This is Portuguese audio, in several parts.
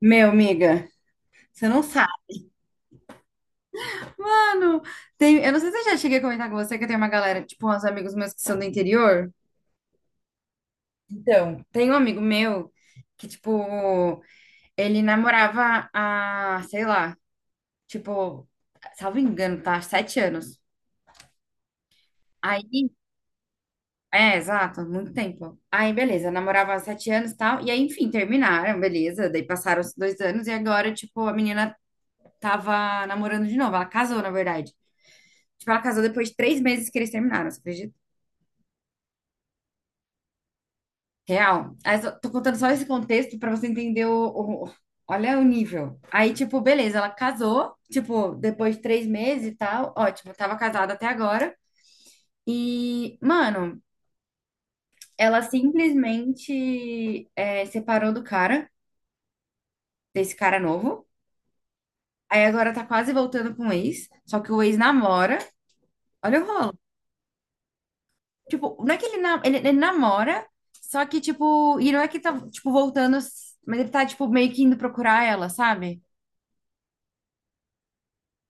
Meu, amiga, você não sabe. Mano, eu não sei se eu já cheguei a comentar com você que eu tenho uma galera, tipo, uns amigos meus que são do interior. Então, tem um amigo meu que, tipo, ele namorava há, sei lá, tipo, salvo engano, tá? Sete anos. Aí, é, exato, muito tempo. Aí, beleza, namorava há sete anos e tal. E aí, enfim, terminaram, beleza. Daí passaram os dois anos e agora, tipo, a menina tava namorando de novo. Ela casou, na verdade. Tipo, ela casou depois de três meses que eles terminaram, você acredita? Real. Aí, tô contando só esse contexto pra você entender olha o nível. Aí, tipo, beleza, ela casou, tipo, depois de três meses e tal, ótimo, tava casada até agora. E, mano, ela simplesmente separou do cara, desse cara novo. Aí agora tá quase voltando com o ex, só que o ex namora. Olha o rolo. Tipo, não é que ele namora, só que, tipo, e não é que tá, tipo, voltando, mas ele tá, tipo, meio que indo procurar ela, sabe?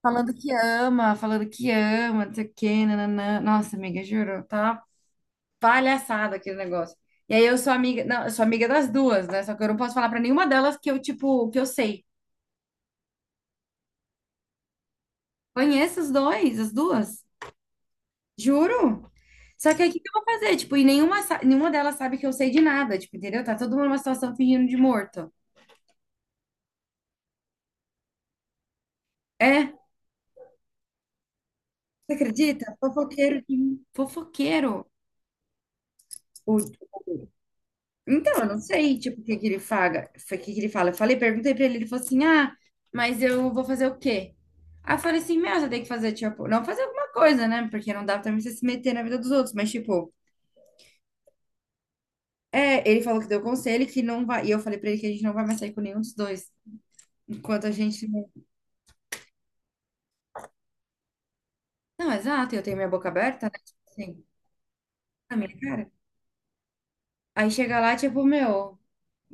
Falando que ama, não sei o quê, nananã. Nossa, amiga, juro, tá palhaçada aquele negócio. E aí eu sou amiga, não, eu sou amiga das duas, né? Só que eu não posso falar pra nenhuma delas que eu, tipo, que eu sei. Conheço os dois, as duas, juro. Só que aí o que que eu vou fazer? Tipo, e nenhuma delas sabe que eu sei de nada, tipo, entendeu? Tá todo mundo numa situação fingindo de morto. É, você acredita? Fofoqueiro, fofoqueiro. O, Então, eu não sei, tipo, o que que ele fala, o que que ele fala. Eu falei, perguntei pra ele, ele falou assim, ah, mas eu vou fazer o quê? Aí eu falei assim, meu, você tem que fazer, tipo, não fazer alguma coisa, né? Porque não dá também você se meter na vida dos outros, mas, tipo, é, ele falou que deu conselho, que não vai, e eu falei pra ele que a gente não vai mais sair com nenhum dos dois, enquanto a gente não... Não, exato, eu tenho minha boca aberta, né? Tipo assim, na minha cara. Aí chega lá, tipo, meu,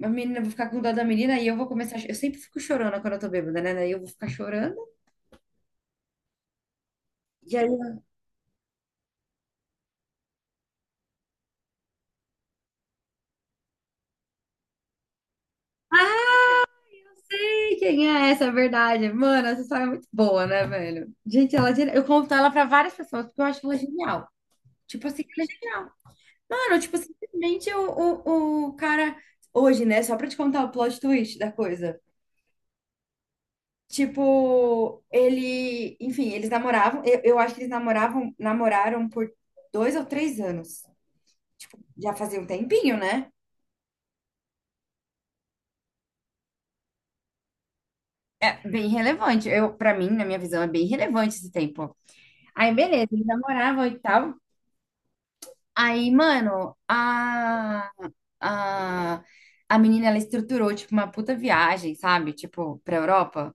a menina, eu vou ficar com dó da menina, e eu vou começar, eu sempre fico chorando quando eu tô bêbada, né? Daí eu vou ficar chorando, e aí sei quem é essa, é verdade. Mano, essa história é muito boa, né, velho? Gente, ela, eu conto ela pra várias pessoas, porque eu acho ela genial. Tipo assim, ela é genial. Mano, tipo, simplesmente o cara. Hoje, né? Só pra te contar o plot twist da coisa. Tipo, ele. Enfim, eles namoravam. Eu acho que eles namoravam, namoraram por dois ou três anos. Já fazia um tempinho, né? É bem relevante. Eu, para mim, na minha visão, é bem relevante esse tempo. Aí, beleza, eles namoravam e tal. Aí, mano, a, a menina, ela estruturou, tipo, uma puta viagem, sabe? Tipo, pra Europa.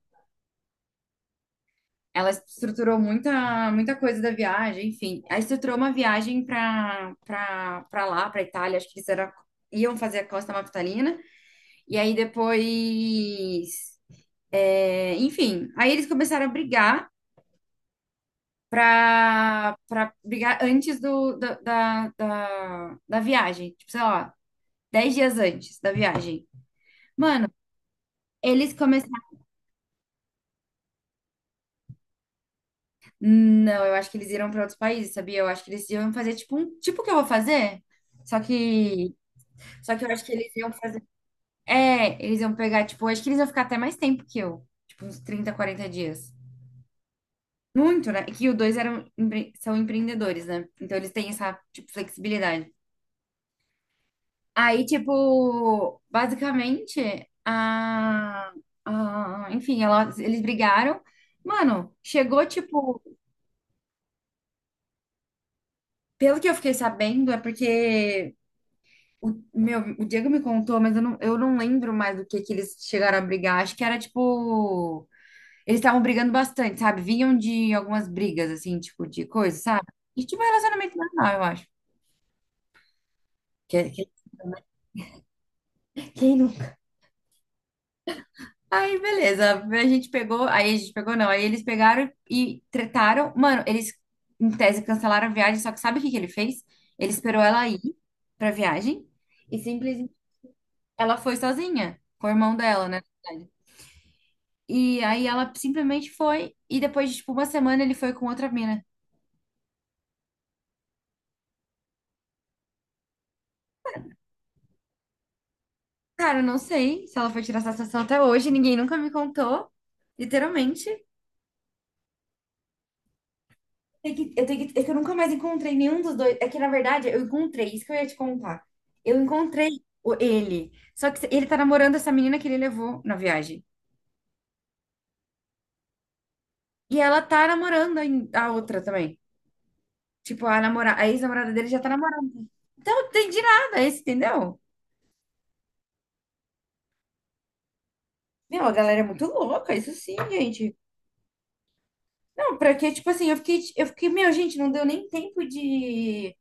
Ela estruturou muita, muita coisa da viagem, enfim. Ela estruturou uma viagem pra lá, pra Itália. Acho que eles era, iam fazer a Costa Amalfitalina. E aí, depois... enfim, aí eles começaram a brigar pra brigar antes do, da, da, da, da viagem. Tipo, sei lá, 10 dias antes da viagem. Mano, eles começaram. Não, eu acho que eles iram para outros países, sabia? Eu acho que eles iam fazer tipo um. Tipo o que eu vou fazer? Só que. Só que eu acho que eles iam fazer. É, eles iam pegar, tipo, eu acho que eles iam ficar até mais tempo que eu. Tipo, uns trinta, quarenta dias. Muito, né? Que os dois são empreendedores, né? Então eles têm essa, tipo, flexibilidade. Aí, tipo, basicamente, a. Enfim, eles brigaram. Mano, chegou, tipo. Pelo que eu fiquei sabendo, é porque meu, o Diego me contou, mas eu não lembro mais do que eles chegaram a brigar. Acho que era tipo. Eles estavam brigando bastante, sabe? Vinham de algumas brigas, assim, tipo, de coisa, sabe? E tipo, relacionamento normal, eu acho. Que, é, que, quem não? Aí, beleza. A gente pegou. Aí a gente pegou, não. Aí eles pegaram e tretaram. Mano, eles, em tese, cancelaram a viagem, só que sabe o que que ele fez? Ele esperou ela ir pra viagem. E simplesmente ela foi sozinha, com o irmão dela, né? Na verdade. E aí ela simplesmente foi, e depois de tipo uma semana ele foi com outra mina. Cara, eu não sei se ela foi tirar essa satisfação até hoje, ninguém nunca me contou, literalmente. Eu tenho que, é que eu nunca mais encontrei nenhum dos dois. É que, na verdade, eu encontrei, isso que eu ia te contar. Eu encontrei ele. Só que ele tá namorando essa menina que ele levou na viagem. E ela tá namorando a outra também. Tipo, a ex-namorada dele já tá namorando. Então, eu não entendi nada, esse, entendeu? Não, a galera é muito louca, isso sim, gente. Não, pra que, tipo assim, eu fiquei, meu, gente, não deu nem tempo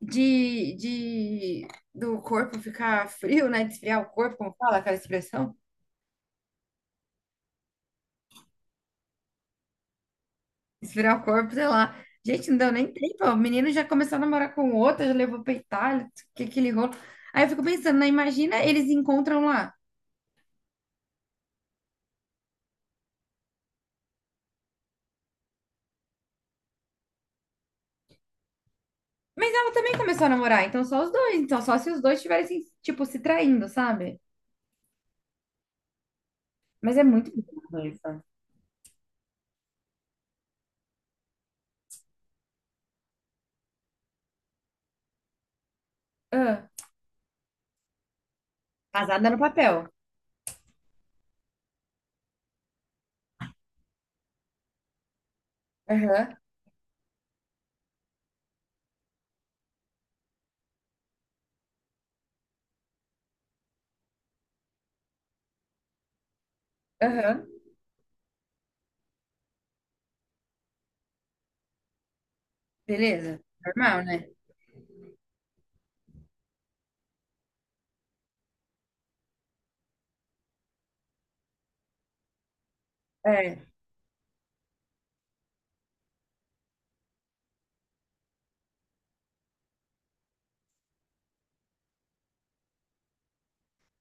de, de, do corpo ficar frio, né? De esfriar o corpo, como fala aquela expressão? Esfriar o corpo, sei lá. Gente, não deu nem tempo. O menino já começou a namorar com outra, já levou pra Itália, que aquele rolo. Aí eu fico pensando, né? Imagina eles encontram lá. Mas ela também começou a namorar, então só os dois. Então só se os dois estivessem, tipo, se traindo, sabe? Mas é muito bizarro isso. Ah, casada no papel. Aham, aham. Beleza. Normal, né? É.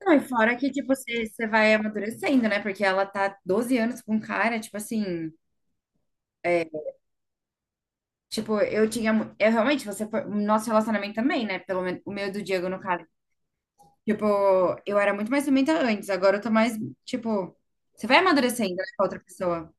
Não, e fora que, tipo, você vai amadurecendo, né? Porque ela tá 12 anos com um cara, tipo assim. Tipo, eu tinha. Eu realmente, você foi. Nosso relacionamento também, né? Pelo menos o meu e do Diego, no caso. Tipo, eu era muito mais ciumenta antes, agora eu tô mais. Tipo, você vai amadurecendo, né, com a outra pessoa.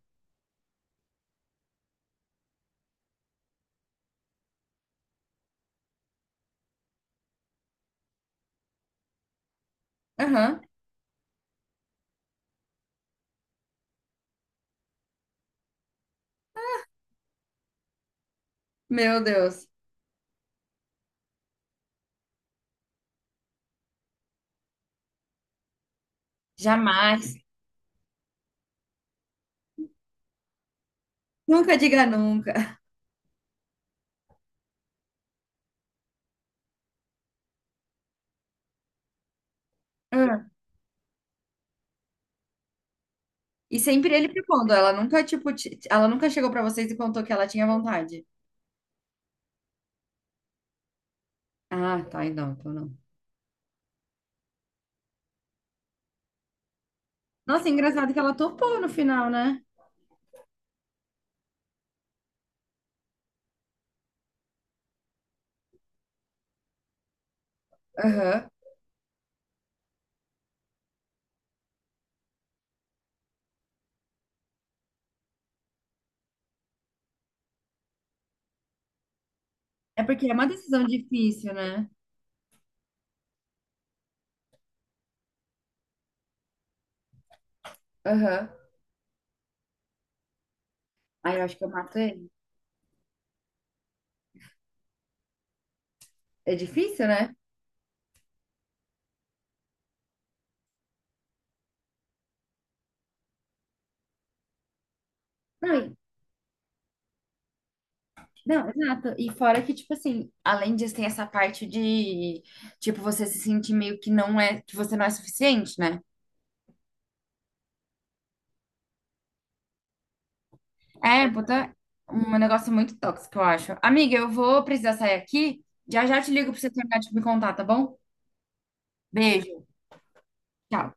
Aham. Meu Deus. Jamais. Nunca diga nunca. Ah, e sempre ele propondo. Ela nunca, tipo, ela nunca chegou pra vocês e contou que ela tinha vontade. Ah, tá, então, então não. Nossa, engraçado que ela topou no final, né? Aham. É porque é uma decisão difícil, né? Aham. Aí eu acho que eu mato ele. É difícil, né? Não, não, exato. E fora que, tipo assim, além disso, tem essa parte de, tipo, você se sentir meio que não é, que você não é suficiente, né? É, puta, um negócio muito tóxico, eu acho. Amiga, eu vou precisar sair aqui. Já já te ligo pra você terminar de me contar, tá bom? Beijo. Tchau.